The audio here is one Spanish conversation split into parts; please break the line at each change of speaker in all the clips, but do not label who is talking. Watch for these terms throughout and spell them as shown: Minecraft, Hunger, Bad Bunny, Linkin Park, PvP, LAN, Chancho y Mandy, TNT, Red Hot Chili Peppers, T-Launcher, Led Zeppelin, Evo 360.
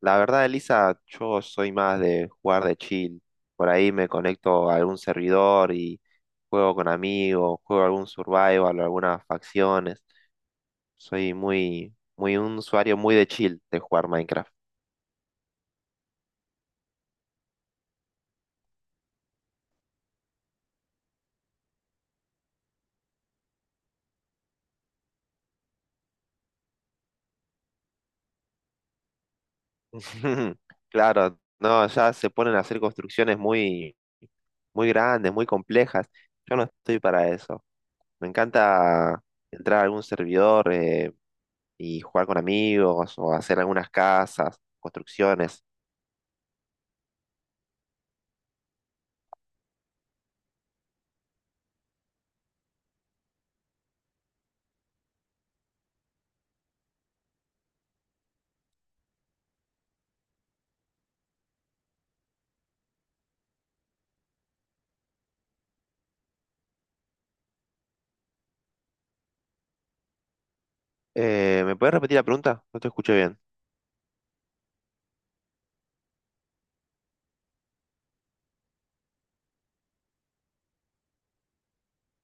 La verdad, Elisa, yo soy más de jugar de chill. Por ahí me conecto a algún servidor y juego con amigos, juego algún survival o algunas facciones. Soy muy un usuario muy de chill de jugar Minecraft. Claro, no, ya se ponen a hacer construcciones muy, muy grandes, muy complejas. Yo no estoy para eso. Me encanta entrar a algún servidor y jugar con amigos o hacer algunas casas, construcciones. ¿Me puedes repetir la pregunta? No te escuché bien.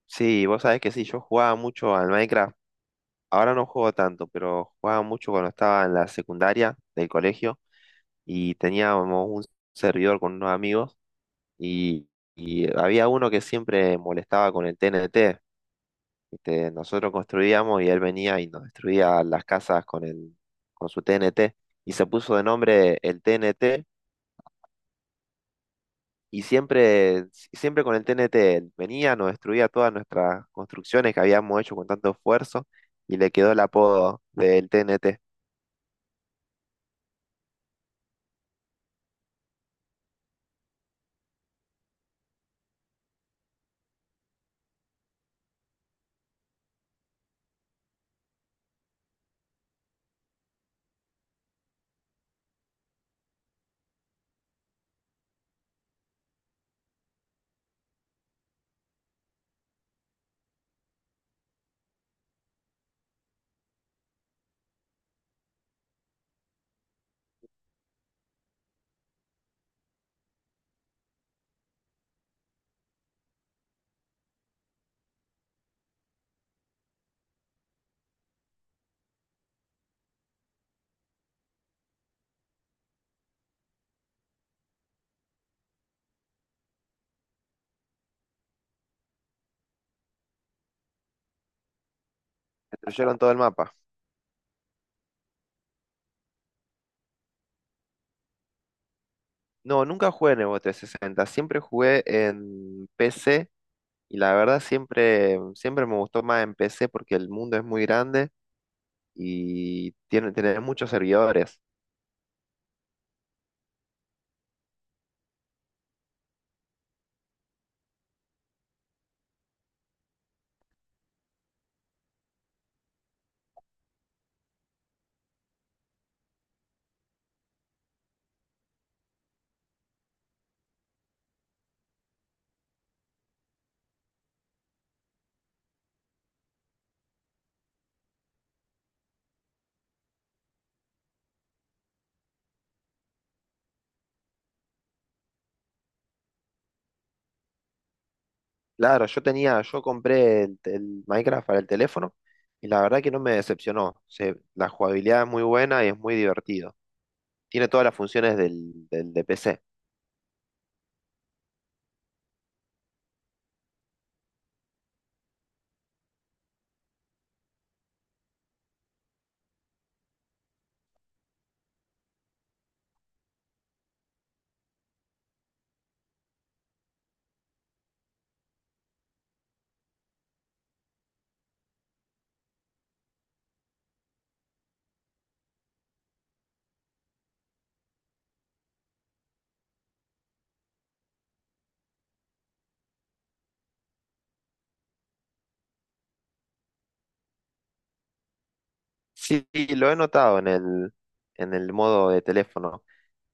Sí, vos sabés que sí, yo jugaba mucho al Minecraft. Ahora no juego tanto, pero jugaba mucho cuando estaba en la secundaria del colegio y teníamos un servidor con unos amigos y, y había uno que siempre molestaba con el TNT. ¿Viste? Nosotros construíamos y él venía y nos destruía las casas con su TNT y se puso de nombre el TNT. Y siempre, siempre con el TNT venía, nos destruía todas nuestras construcciones que habíamos hecho con tanto esfuerzo y le quedó el apodo del TNT. Destruyeron todo el mapa. No, nunca jugué en Evo 360, siempre jugué en PC y la verdad siempre, siempre me gustó más en PC porque el mundo es muy grande y tiene muchos servidores. Claro, yo tenía, yo compré el Minecraft para el teléfono y la verdad que no me decepcionó. La jugabilidad es muy buena y es muy divertido. Tiene todas las funciones del de PC. Sí, lo he notado en el modo de teléfono.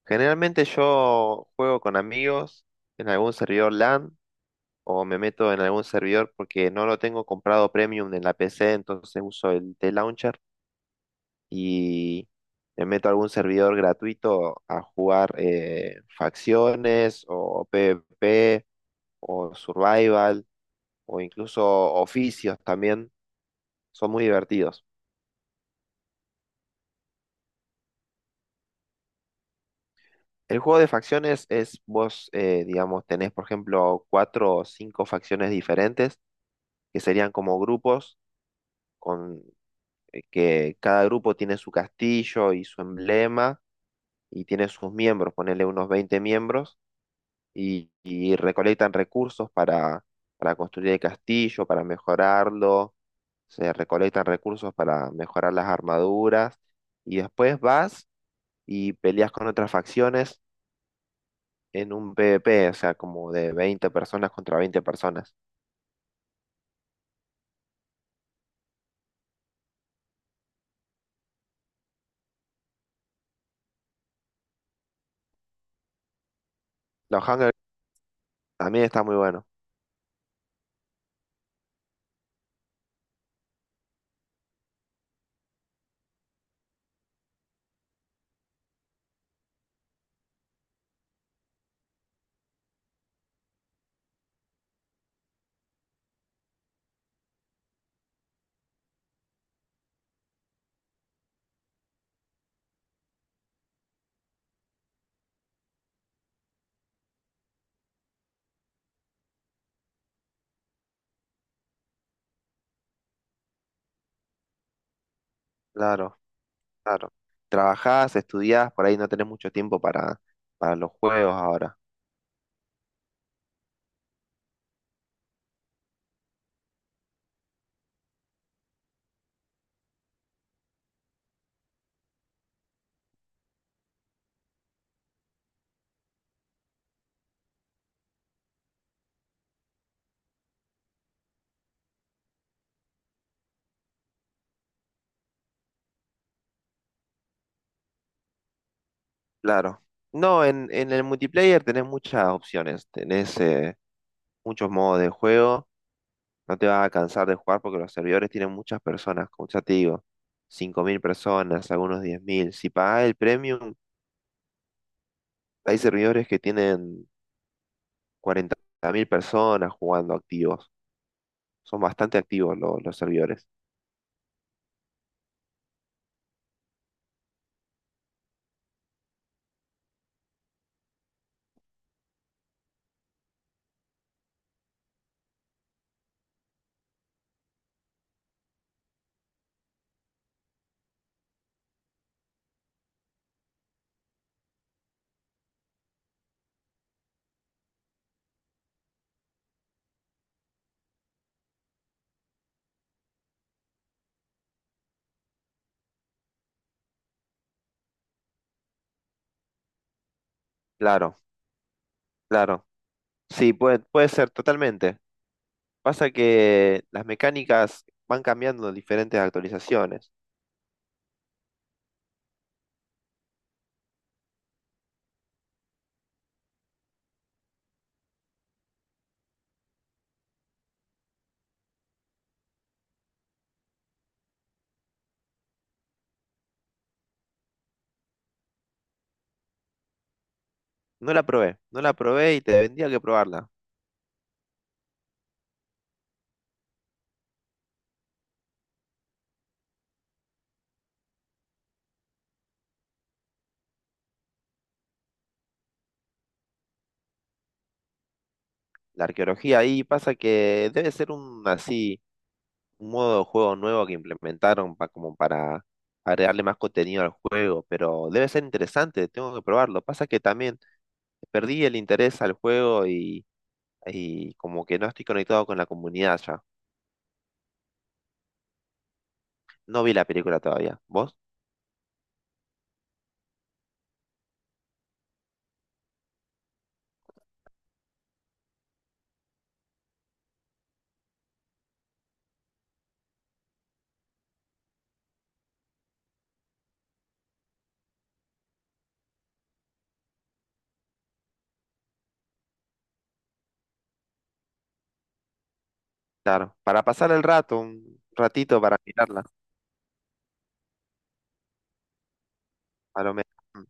Generalmente yo juego con amigos en algún servidor LAN o me meto en algún servidor porque no lo tengo comprado premium en la PC, entonces uso el T-Launcher y me meto a algún servidor gratuito a jugar facciones o PvP o Survival o incluso oficios también. Son muy divertidos. El juego de facciones es vos, digamos, tenés, por ejemplo, cuatro o cinco facciones diferentes, que serían como grupos, con que cada grupo tiene su castillo y su emblema y tiene sus miembros, ponerle unos 20 miembros y recolectan recursos para construir el castillo, para mejorarlo, se recolectan recursos para mejorar las armaduras y después vas y peleas con otras facciones en un PvP, o sea, como de 20 personas contra 20 personas. Los Hunger también está muy bueno. Claro, claro. Trabajás, estudiás, por ahí no tenés mucho tiempo para los juegos ahora. Claro. No, en el multiplayer tenés muchas opciones, tenés muchos modos de juego, no te vas a cansar de jugar porque los servidores tienen muchas personas, como ya te digo, 5.000 personas, algunos 10.000. Si pagás el premium, hay servidores que tienen 40.000 personas jugando activos. Son bastante activos los servidores. Claro, claro. Sí, puede ser, totalmente. Pasa que las mecánicas van cambiando en diferentes actualizaciones. No la probé, no la probé y te vendría que probarla. La arqueología ahí pasa que debe ser un así, un modo de juego nuevo que implementaron como para agregarle más contenido al juego, pero debe ser interesante, tengo que probarlo. Pasa que también perdí el interés al juego y como que no estoy conectado con la comunidad ya. No vi la película todavía. ¿Vos? Claro. Para pasar el rato, un ratito para mirarla, a lo menos. Mm.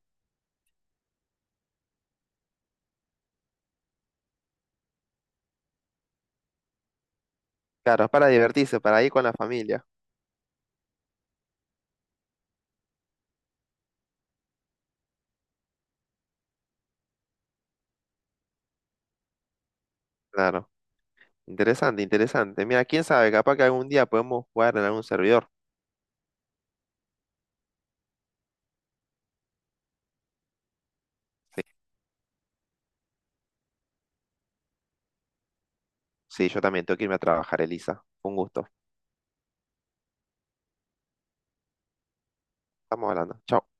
Claro, es para divertirse, para ir con la familia. Claro. Interesante, interesante. Mira, quién sabe, capaz que algún día podemos jugar en algún servidor. Sí, sí, yo también tengo que irme a trabajar, Elisa. Un gusto. Estamos hablando. Chao.